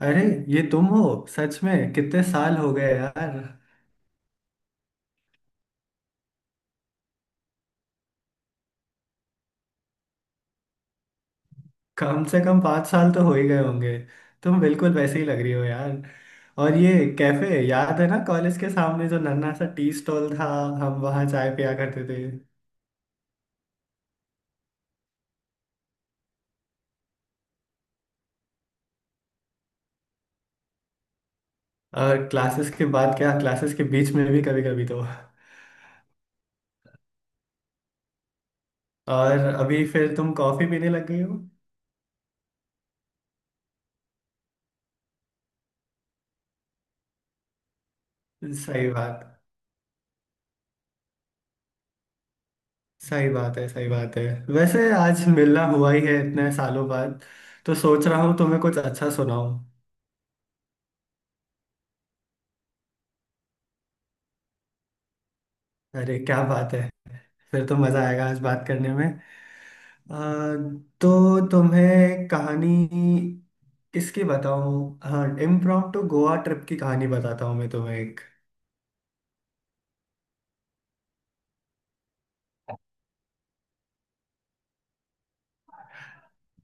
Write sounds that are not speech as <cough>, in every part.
अरे ये तुम हो। सच में कितने साल हो गए यार। कम से कम 5 साल तो हो ही गए होंगे। तुम बिल्कुल वैसे ही लग रही हो यार। और ये कैफे याद है ना, कॉलेज के सामने जो नन्हा सा टी स्टॉल था। हम वहाँ चाय पिया करते थे। और क्लासेस के बाद क्या, क्लासेस के बीच में भी कभी कभी तो। और अभी फिर तुम कॉफी पीने लग गई हो। सही बात सही बात है, सही बात है। वैसे आज मिलना हुआ ही है इतने सालों बाद, तो सोच रहा हूँ तुम्हें कुछ अच्छा सुनाऊं। अरे क्या बात है। फिर तो मजा आएगा आज बात करने में। अ, तो तुम्हें कहानी किसकी बताऊं। हाँ, इम्प्रॉम्प्टू गोवा ट्रिप की कहानी बताता हूँ मैं तुम्हें एक।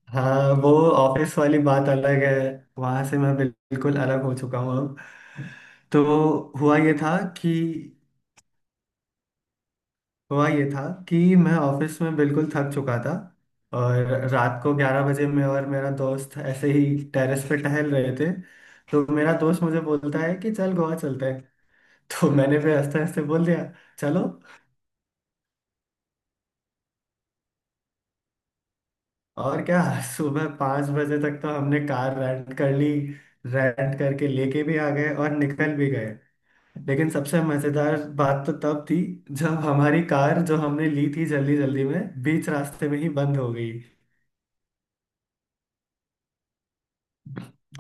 हाँ, वो ऑफिस वाली बात अलग है। वहां से मैं बिल्कुल अलग हो चुका हूँ अब। तो हुआ ये था कि हुआ ये था कि मैं ऑफिस में बिल्कुल थक चुका था। और रात को 11 बजे मैं और मेरा दोस्त ऐसे ही टेरेस पे टहल रहे थे। तो मेरा दोस्त मुझे बोलता है कि चल गोवा चलते हैं। तो मैंने भी हंसते हंसते बोल दिया चलो। और क्या। सुबह 5 बजे तक तो हमने कार रेंट कर ली। रेंट करके लेके भी आ गए और निकल भी गए। लेकिन सबसे मजेदार बात तो तब थी, जब हमारी कार जो हमने ली थी जल्दी जल्दी में बीच रास्ते में ही बंद हो गई।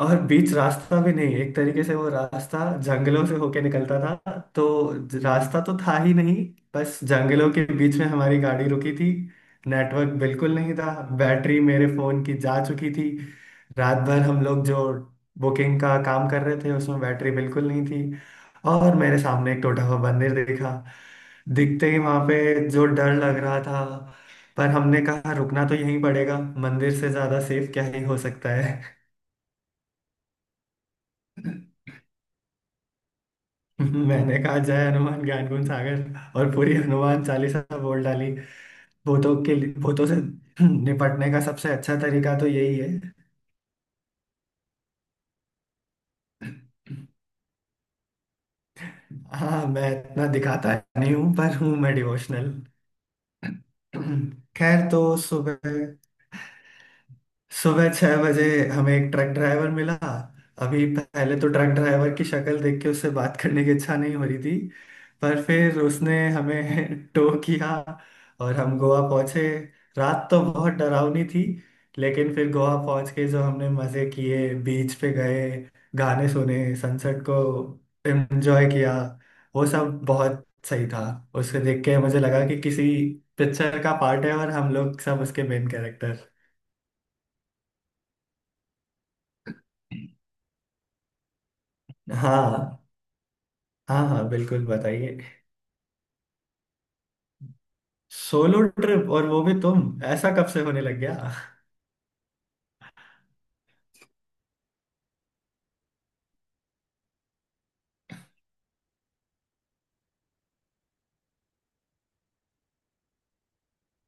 और बीच रास्ता भी नहीं, एक तरीके से वो रास्ता जंगलों से होके निकलता था, तो रास्ता तो था ही नहीं। बस जंगलों के बीच में हमारी गाड़ी रुकी थी। नेटवर्क बिल्कुल नहीं था। बैटरी मेरे फोन की जा चुकी थी। रात भर हम लोग जो बुकिंग का काम कर रहे थे, उसमें बैटरी बिल्कुल नहीं थी। और मेरे सामने एक टूटा हुआ मंदिर दिखा। दिखते ही वहां पे जो डर लग रहा था, पर हमने कहा रुकना तो यहीं पड़ेगा। मंदिर से ज्यादा सेफ क्या ही हो सकता है। <laughs> मैंने कहा जय हनुमान ज्ञान गुण सागर, और पूरी हनुमान चालीसा बोल डाली। भूतों से <clears throat> निपटने का सबसे अच्छा तरीका तो यही है। हाँ, मैं इतना दिखाता नहीं हूँ, पर हूँ मैं डिवोशनल। <clears throat> खैर तो सुबह, सुबह 6 बजे हमें एक ट्रक ड्राइवर मिला। अभी पहले तो ट्रक ड्राइवर की शक्ल देख के उससे बात करने की इच्छा नहीं हो रही थी। पर फिर उसने हमें <laughs> टो किया और हम गोवा पहुंचे। रात तो बहुत डरावनी थी। लेकिन फिर गोवा पहुंच के जो हमने मजे किए, बीच पे गए, गाने सुने, सनसेट को एंजॉय किया, वो सब बहुत सही था। उसको देख के मुझे लगा कि किसी पिक्चर का पार्ट है, और हम लोग सब उसके मेन कैरेक्टर। हाँ, हाँ, हाँ, बिल्कुल बताइए। सोलो ट्रिप और वो भी तुम, ऐसा कब से होने लग गया?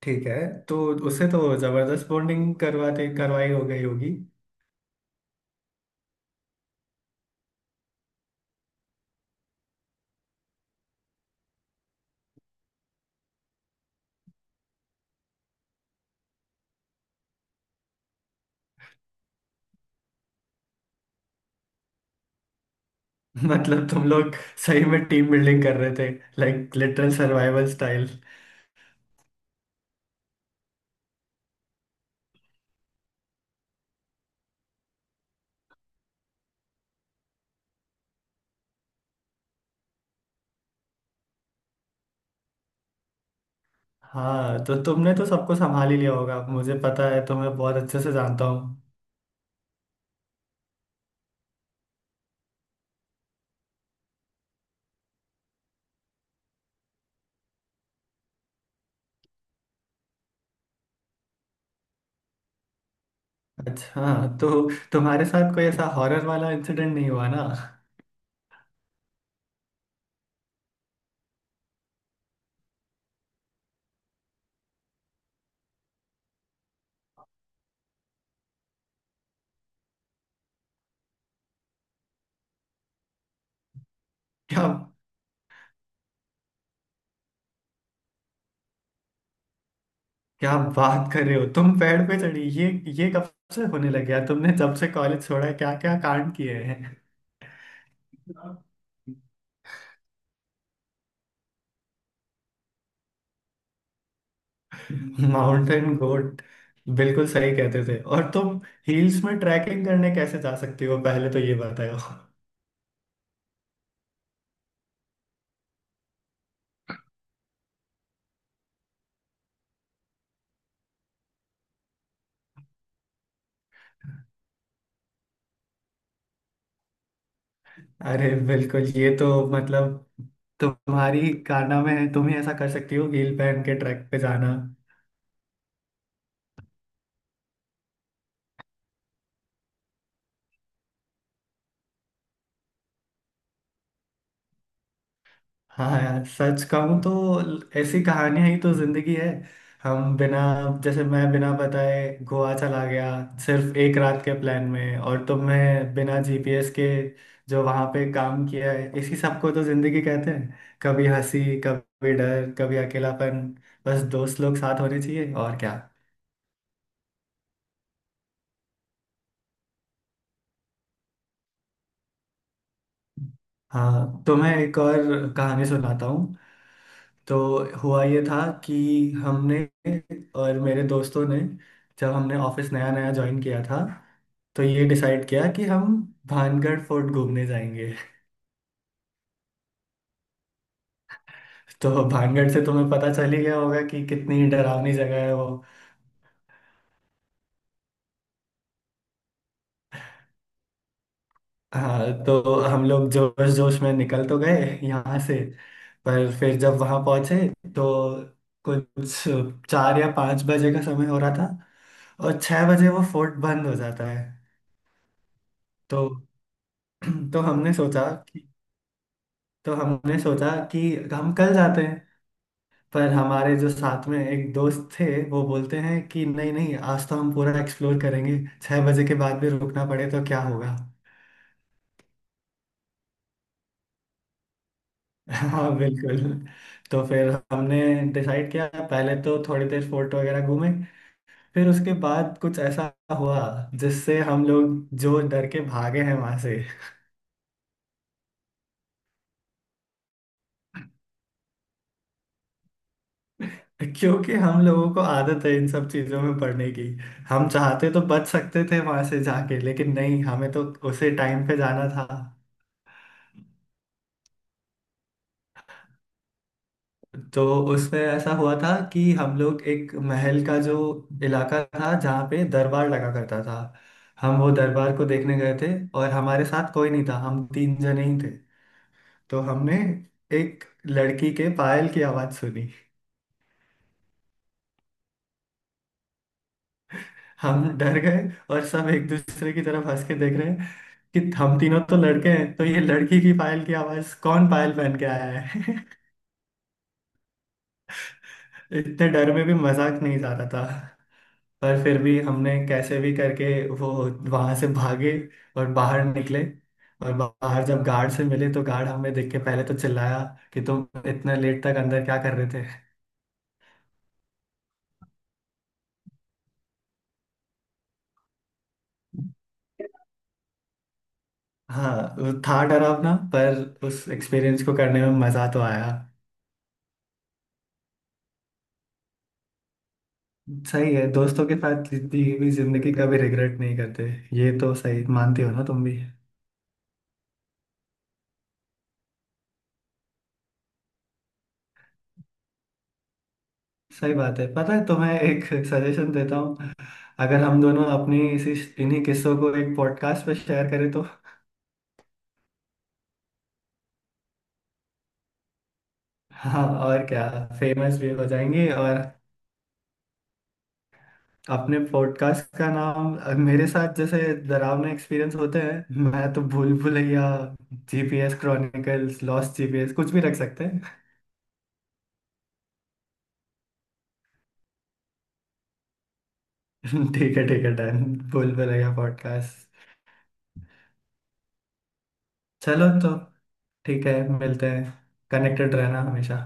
ठीक है। तो उससे तो जबरदस्त बॉन्डिंग करवाते करवाई हो गई होगी। <laughs> मतलब तुम लोग सही में टीम बिल्डिंग कर रहे थे। Like literal survival style. हाँ, तो तुमने तो सबको संभाल ही लिया होगा, मुझे पता है, तुम्हें बहुत अच्छे से जानता हूँ। अच्छा हाँ, तो तुम्हारे साथ कोई ऐसा हॉरर वाला इंसिडेंट नहीं हुआ ना? <laughs> क्या? क्या बात कर रहे हो, तुम पेड़ पे चढ़ी? ये कब से होने लग गया? तुमने जब से कॉलेज छोड़ा है क्या क्या कांड किए हैं। <laughs> माउंटेन गोट, बिल्कुल सही कहते थे। और तुम हिल्स में ट्रैकिंग करने कैसे जा सकती हो, पहले तो ये बताओ। अरे बिल्कुल, ये तो मतलब तुम्हारी काना में है, तुम ही ऐसा कर सकती हो, हील पहन के ट्रैक पे जाना। हाँ यार, सच कहूँ तो ऐसी कहानियां ही तो जिंदगी है। हम बिना जैसे मैं बिना बताए गोवा चला गया, सिर्फ एक रात के प्लान में, और तुमने बिना जीपीएस के जो वहां पे काम किया है, इसी सबको तो जिंदगी कहते हैं। कभी हंसी, कभी डर, कभी अकेलापन। बस दोस्त लोग साथ होने चाहिए, और क्या। हाँ, तो मैं एक और कहानी सुनाता हूँ। तो हुआ ये था कि हमने और मेरे दोस्तों ने, जब हमने ऑफिस नया नया ज्वाइन किया था, तो ये डिसाइड किया कि हम भानगढ़ फोर्ट घूमने जाएंगे। <laughs> तो भानगढ़ से तुम्हें पता चल ही गया होगा कि कितनी डरावनी जगह है वो। हाँ, तो हम लोग जोश जोश में निकल तो गए यहाँ से। पर फिर जब वहाँ पहुँचे, तो कुछ 4 या 5 बजे का समय हो रहा था। और 6 बजे वो फोर्ट बंद हो जाता है। तो तो हमने सोचा कि तो हमने सोचा कि हम कल जाते हैं। पर हमारे जो साथ में एक दोस्त थे, वो बोलते हैं कि नहीं नहीं, आज तो हम पूरा एक्सप्लोर करेंगे, 6 बजे के बाद भी रुकना पड़े तो क्या होगा। <laughs> हाँ बिल्कुल। तो फिर हमने डिसाइड किया, पहले तो थोड़ी देर फोर्ट वगैरह घूमे, फिर उसके बाद कुछ ऐसा हुआ जिससे हम लोग जो डर के भागे हैं वहां से। क्योंकि हम लोगों को आदत है इन सब चीजों में पढ़ने की। हम चाहते तो बच सकते थे वहां से जाके, लेकिन नहीं, हमें तो उसे टाइम पे जाना था। तो उसमें ऐसा हुआ था कि हम लोग एक महल का जो इलाका था, जहाँ पे दरबार लगा करता था, हम वो दरबार को देखने गए थे। और हमारे साथ कोई नहीं था, हम तीन जने ही थे। तो हमने एक लड़की के पायल की आवाज सुनी। हम डर गए, और सब एक दूसरे की तरफ हंस के देख रहे हैं कि हम तीनों तो लड़के हैं, तो ये लड़की की पायल की आवाज कौन पायल पहन के आया है? <laughs> इतने डर में भी मजाक नहीं जा रहा था। पर फिर भी हमने कैसे भी करके वो वहां से भागे और बाहर निकले। और बाहर जब गार्ड से मिले, तो गार्ड हमें देख के पहले तो चिल्लाया कि तुम इतने लेट तक अंदर क्या कर रहे थे। हाँ, वो था डरावना, पर उस एक्सपीरियंस को करने में मजा तो आया। सही है, दोस्तों के साथ जीती हुई जिंदगी का भी रिग्रेट नहीं करते। ये तो सही मानती हो ना तुम भी। सही बात है। पता है, तुम्हें एक सजेशन देता हूँ। अगर हम दोनों अपनी इसी इन्हीं किस्सों को एक पॉडकास्ट पर शेयर करें तो? <laughs> हाँ, और क्या। फेमस भी हो जाएंगे, और अपने पॉडकास्ट का नाम, मेरे साथ जैसे डरावना एक्सपीरियंस होते हैं, मैं तो भूल भुलैया, जीपीएस क्रॉनिकल्स, लॉस्ट जीपीएस, कुछ भी रख सकते हैं। <laughs> ठीक है, ठीक है, डन। भूल भुलैया पॉडकास्ट। चलो तो, ठीक है, मिलते हैं। कनेक्टेड रहना हमेशा।